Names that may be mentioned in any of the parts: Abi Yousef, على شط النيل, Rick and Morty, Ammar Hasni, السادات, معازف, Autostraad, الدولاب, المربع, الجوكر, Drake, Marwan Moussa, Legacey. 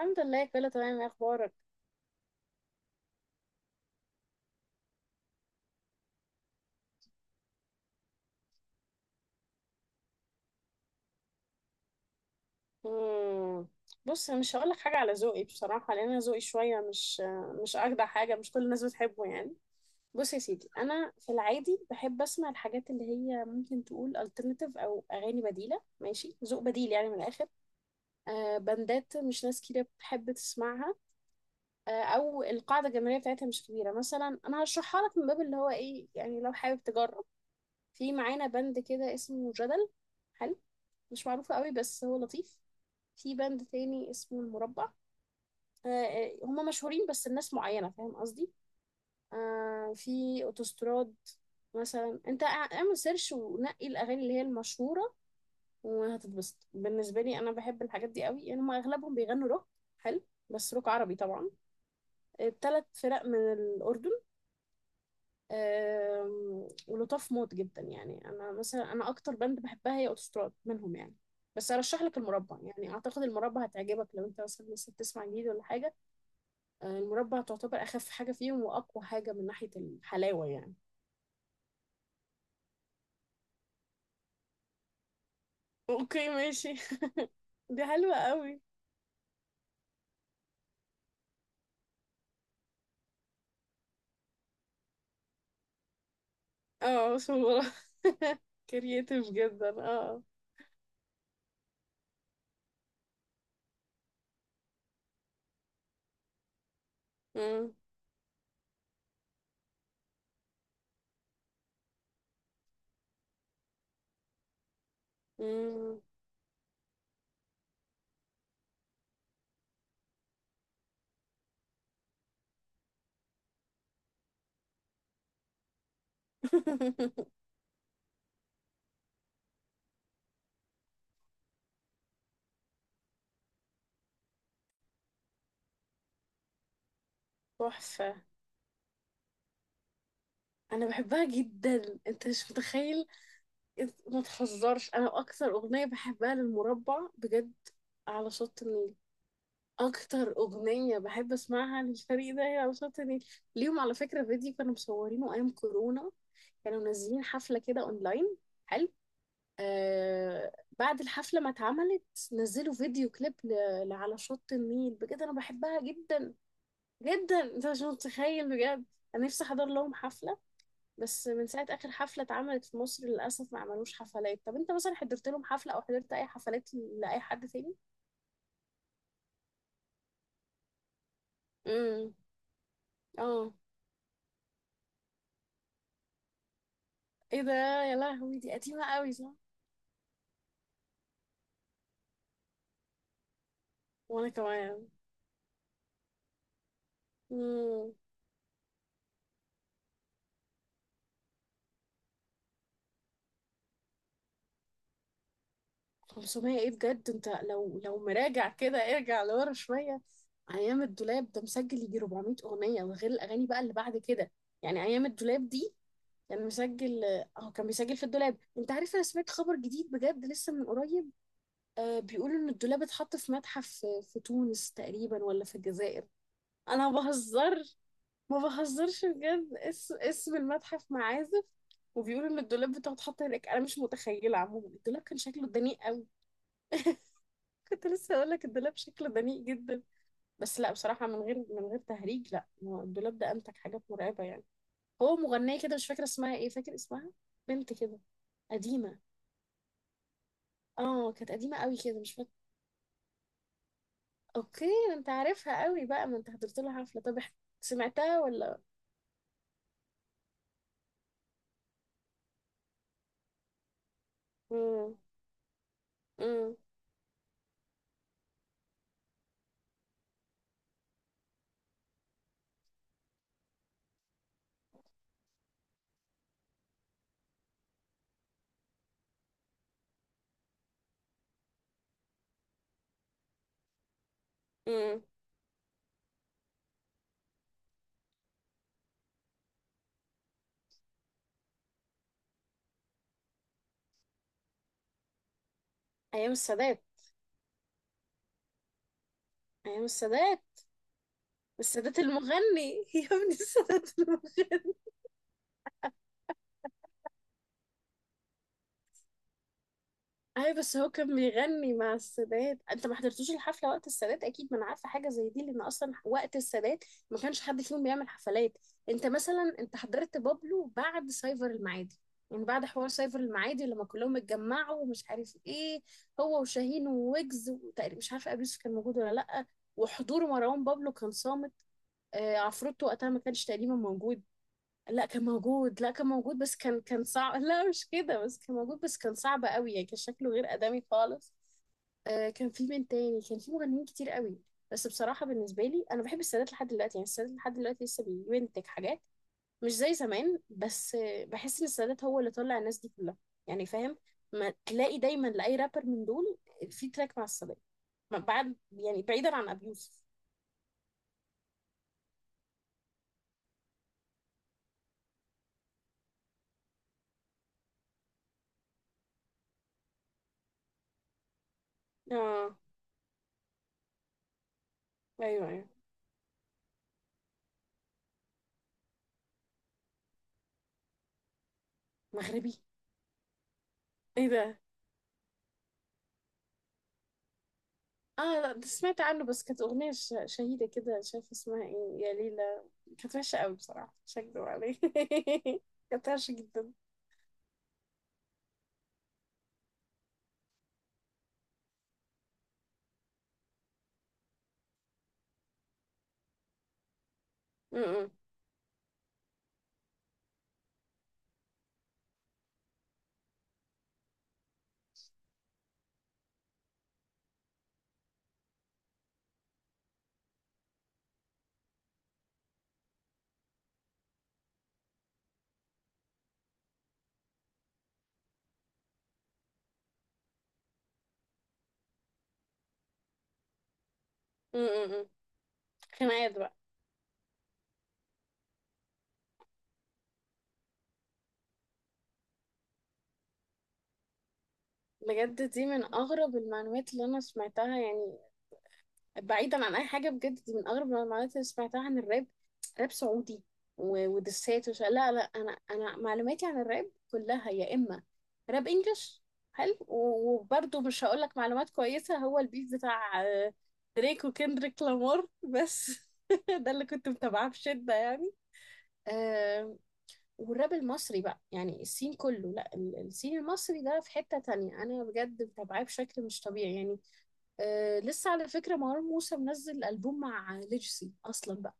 الحمد لله كله تمام. ايه اخبارك؟ مم. بص، مش هقولك حاجه على ذوقي بصراحه، لان انا ذوقي شويه مش اجدع حاجه، مش كل الناس بتحبه يعني. بص يا سيدي، انا في العادي بحب اسمع الحاجات اللي هي ممكن تقول alternative او اغاني بديله، ماشي؟ ذوق بديل يعني من الاخر. بندات مش ناس كتير بتحب تسمعها. او القاعده الجماهيريه بتاعتها مش كبيره. مثلا انا هشرحها لك من باب اللي هو ايه، يعني لو حابب تجرب. في معانا بند كده اسمه جدل، حلو، مش معروف قوي بس هو لطيف. في باند تاني اسمه المربع. هما مشهورين بس الناس معينة، فاهم قصدي؟ في اوتوستراد. مثلا انت اعمل سيرش ونقي الاغاني اللي هي المشهورة وهتتبسط. بالنسبة لي انا بحب الحاجات دي قوي يعني. هما اغلبهم بيغنوا روك، حلو، بس روك عربي طبعا. الثلاث فرق من الاردن. ولطاف موت جدا يعني. انا مثلا انا اكتر باند بحبها هي اوتوستراد منهم يعني. بس ارشح لك المربع، يعني اعتقد المربع هتعجبك لو انت مثلا لسه بتسمع جديد ولا حاجة. المربى تعتبر اخف حاجه فيهم واقوى حاجه من ناحيه الحلاوه يعني. اوكي ماشي. دي حلوه قوي. اه صورة. كرييتيف جدا اه. مم. مم. تحفه. انا بحبها جدا انت مش متخيل. انت ما تهزرش، انا اكتر اغنيه بحبها للمربع بجد على شط النيل. اكتر اغنيه بحب اسمعها للفريق ده هي على شط النيل. ليهم على فكره فيديو كانوا مصورينه ايام كورونا. كانوا منزلين حفلة كده اونلاين، حلو. آه، بعد الحفلة ما اتعملت نزلوا فيديو كليب لعلى شط النيل. بجد انا بحبها جدا جدا، انت مش متخيل بجد. انا نفسي احضر لهم حفلة، بس من ساعة اخر حفلة اتعملت في مصر للاسف ما عملوش حفلات. طب انت مثلا حضرت لهم حفلة او حضرت اي حفلات لاي حد تاني؟ امم، اه، ايه ده؟ يا لهوي دي قديمة قوي صح؟ وانا كمان. امم. 500 ايه بجد؟ انت لو مراجع كده ارجع لورا شوية. ايام الدولاب ده مسجل يجي 400 اغنية، وغير الاغاني بقى اللي بعد كده. يعني ايام الدولاب دي كان مسجل، اه كان بيسجل في الدولاب. انت عارف انا سمعت خبر جديد بجد لسه من قريب؟ بيقولوا ان الدولاب اتحط في متحف في في تونس تقريبا ولا في الجزائر. انا ما بهزر، ما بهزرش بجد. اسم اسم المتحف معازف، وبيقولوا ان الدولاب بتاعه اتحط هناك. انا مش متخيله، عموما الدولاب كان شكله دنيء قوي. كنت لسه هقول لك الدولاب شكله دنيء جدا. بس لا بصراحة، من غير تهريج، لا هو الدولاب ده أمتك حاجات مرعبة يعني. هو مغنية كده مش فاكرة اسمها ايه، فاكر اسمها؟ بنت كده قديمة. اه كانت قديمة قوي كده، مش فاكرة. اوكي ده انت عارفها قوي بقى، ما انت حضرت لها حفلة. طب سمعتها ولا؟ مم. مم. مم. ايام السادات. ايام السادات. السادات المغني يا ابني، السادات المغني. ايوه بس هو كان بيغني مع السادات. انت ما حضرتوش الحفله وقت السادات اكيد، ما انا عارفه حاجه زي دي، لان اصلا وقت السادات ما كانش حد فيهم بيعمل حفلات. انت مثلا انت حضرت بابلو بعد سايفر المعادي؟ يعني بعد حوار سايفر المعادي لما كلهم اتجمعوا ومش عارف ايه، هو وشاهين وويجز، وتقريبا مش عارفه ابي يوسف كان موجود ولا لا. وحضور مروان بابلو كان صامت. عفروتو وقتها ما كانش تقريبا موجود. لا كان موجود، لا كان موجود بس كان صعب. لا مش كده، بس كان موجود بس كان صعب قوي يعني، كان شكله غير آدمي خالص. آه كان في من تاني، كان في مغنيين كتير قوي. بس بصراحة بالنسبة لي أنا بحب السادات لحد دلوقتي يعني. السادات لحد دلوقتي لسه بينتج حاجات، مش زي زمان بس، بحس إن السادات هو اللي طلع الناس دي كلها. يعني فاهم؟ ما تلاقي دايما لأي رابر من دول في تراك مع السادات. بعد يعني بعيدا عن أبي يوسف. آه، أيوه أيوه. مغربي. إيه ده؟ اه لا ده سمعت عنه، بس كانت أغنية شهيدة كده مش عارفة اسمها ايه، يا ليلى. كانت وحشة قوي بصراحة، مش هكدب عليك. كانت وحشة جدا. م- م- م- م- م. خناقات بقى. بجد دي من أغرب المعلومات اللي أنا سمعتها يعني. بعيدا عن اي حاجه، بجد دي من اغرب المعلومات اللي سمعتها عن الراب. راب سعودي ودسات وش؟ لا لا، انا انا معلوماتي عن الراب كلها يا اما راب انجلش، حلو، وبرضه مش هقول لك معلومات كويسه. هو البيف بتاع دريك وكندريك لامار بس. ده اللي كنت متابعاه بشده يعني. آه. والراب المصري بقى يعني السين كله، لا السين المصري ده في حته تانية، انا بجد متابعاه بشكل مش طبيعي يعني. آه لسه على فكرة مروان موسى منزل ألبوم مع ليجسي أصلا بقى،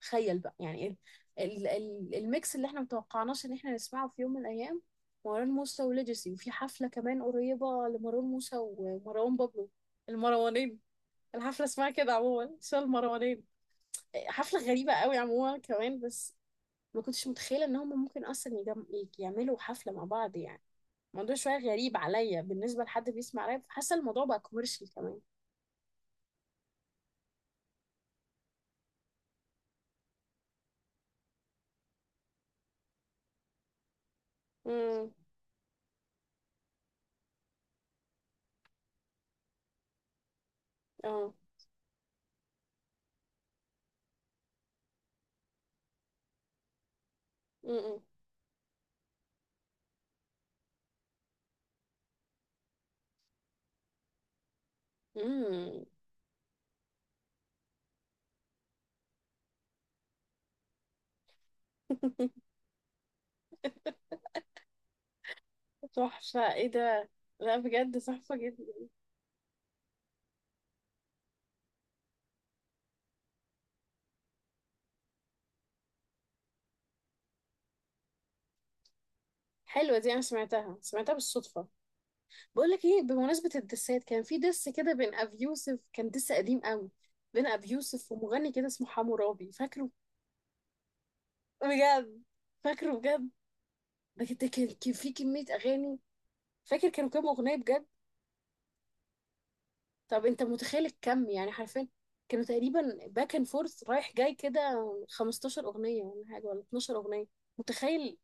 تخيل بقى يعني. ال ال ال الميكس اللي احنا متوقعناش ان احنا نسمعه في يوم من الأيام، مروان موسى وليجسي. وفي حفلة كمان قريبة لمروان موسى ومروان بابلو، المروانين. الحفلة اسمها كده عموما، اسمها المروانين. حفلة غريبة قوي عموما كمان، بس ما كنتش متخيلة ان هم ممكن أصلا يجم يعملوا حفلة مع بعض يعني. الموضوع شوية غريب عليا، بالنسبة لحد بيسمع راب حاسة الموضوع بقى كوميرشال كمان. امم. اه. م- م. م. تحفة، ايه ده؟ لا بجد تحفة جدا. حلوة دي، انا سمعتها سمعتها بالصدفة. بقول لك ايه، بمناسبة الدسات كان في دس كده بين ابي يوسف، كان دس قديم قوي، بين ابي يوسف ومغني كده اسمه حمو رابي، فاكره؟ بجد فاكره بجد. بجد كان في كمية اغاني، فاكر كانوا كام اغنية بجد؟ طب انت متخيل الكم يعني حرفيا. كانوا تقريبا باك اند فورث رايح جاي كده، 15 اغنية ولا حاجة، ولا 12 اغنية. متخيل؟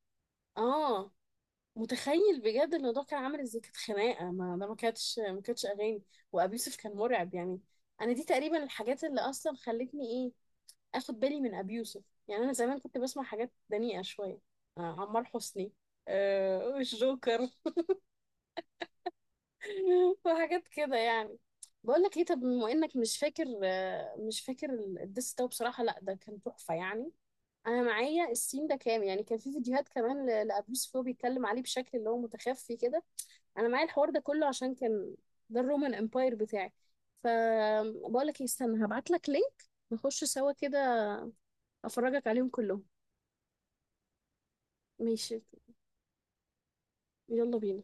اه متخيل بجد. الموضوع كان عامل ازاي، كانت خناقه، ما ده ما كانتش اغاني. وابي يوسف كان مرعب يعني. انا دي تقريبا الحاجات اللي اصلا خلتني ايه، اخد بالي من ابي يوسف يعني. انا زمان كنت بسمع حاجات دنيئه شويه، آه عمار حسني، آه الجوكر، وحاجات كده يعني. بقول لك ايه، طب بما انك مش فاكر، آه مش فاكر الدس ده بصراحه، لا ده كان تحفه يعني. انا معايا السين ده كام يعني، كان في فيديوهات كمان لابي يوسف وهو بيتكلم عليه بشكل اللي هو متخفي كده. انا معايا الحوار ده كله، عشان كان ده الرومان امباير بتاعي. فبقول لك ايه، استنى هبعت لك لينك، نخش سوا كده، افرجك عليهم كلهم. ماشي، يلا بينا.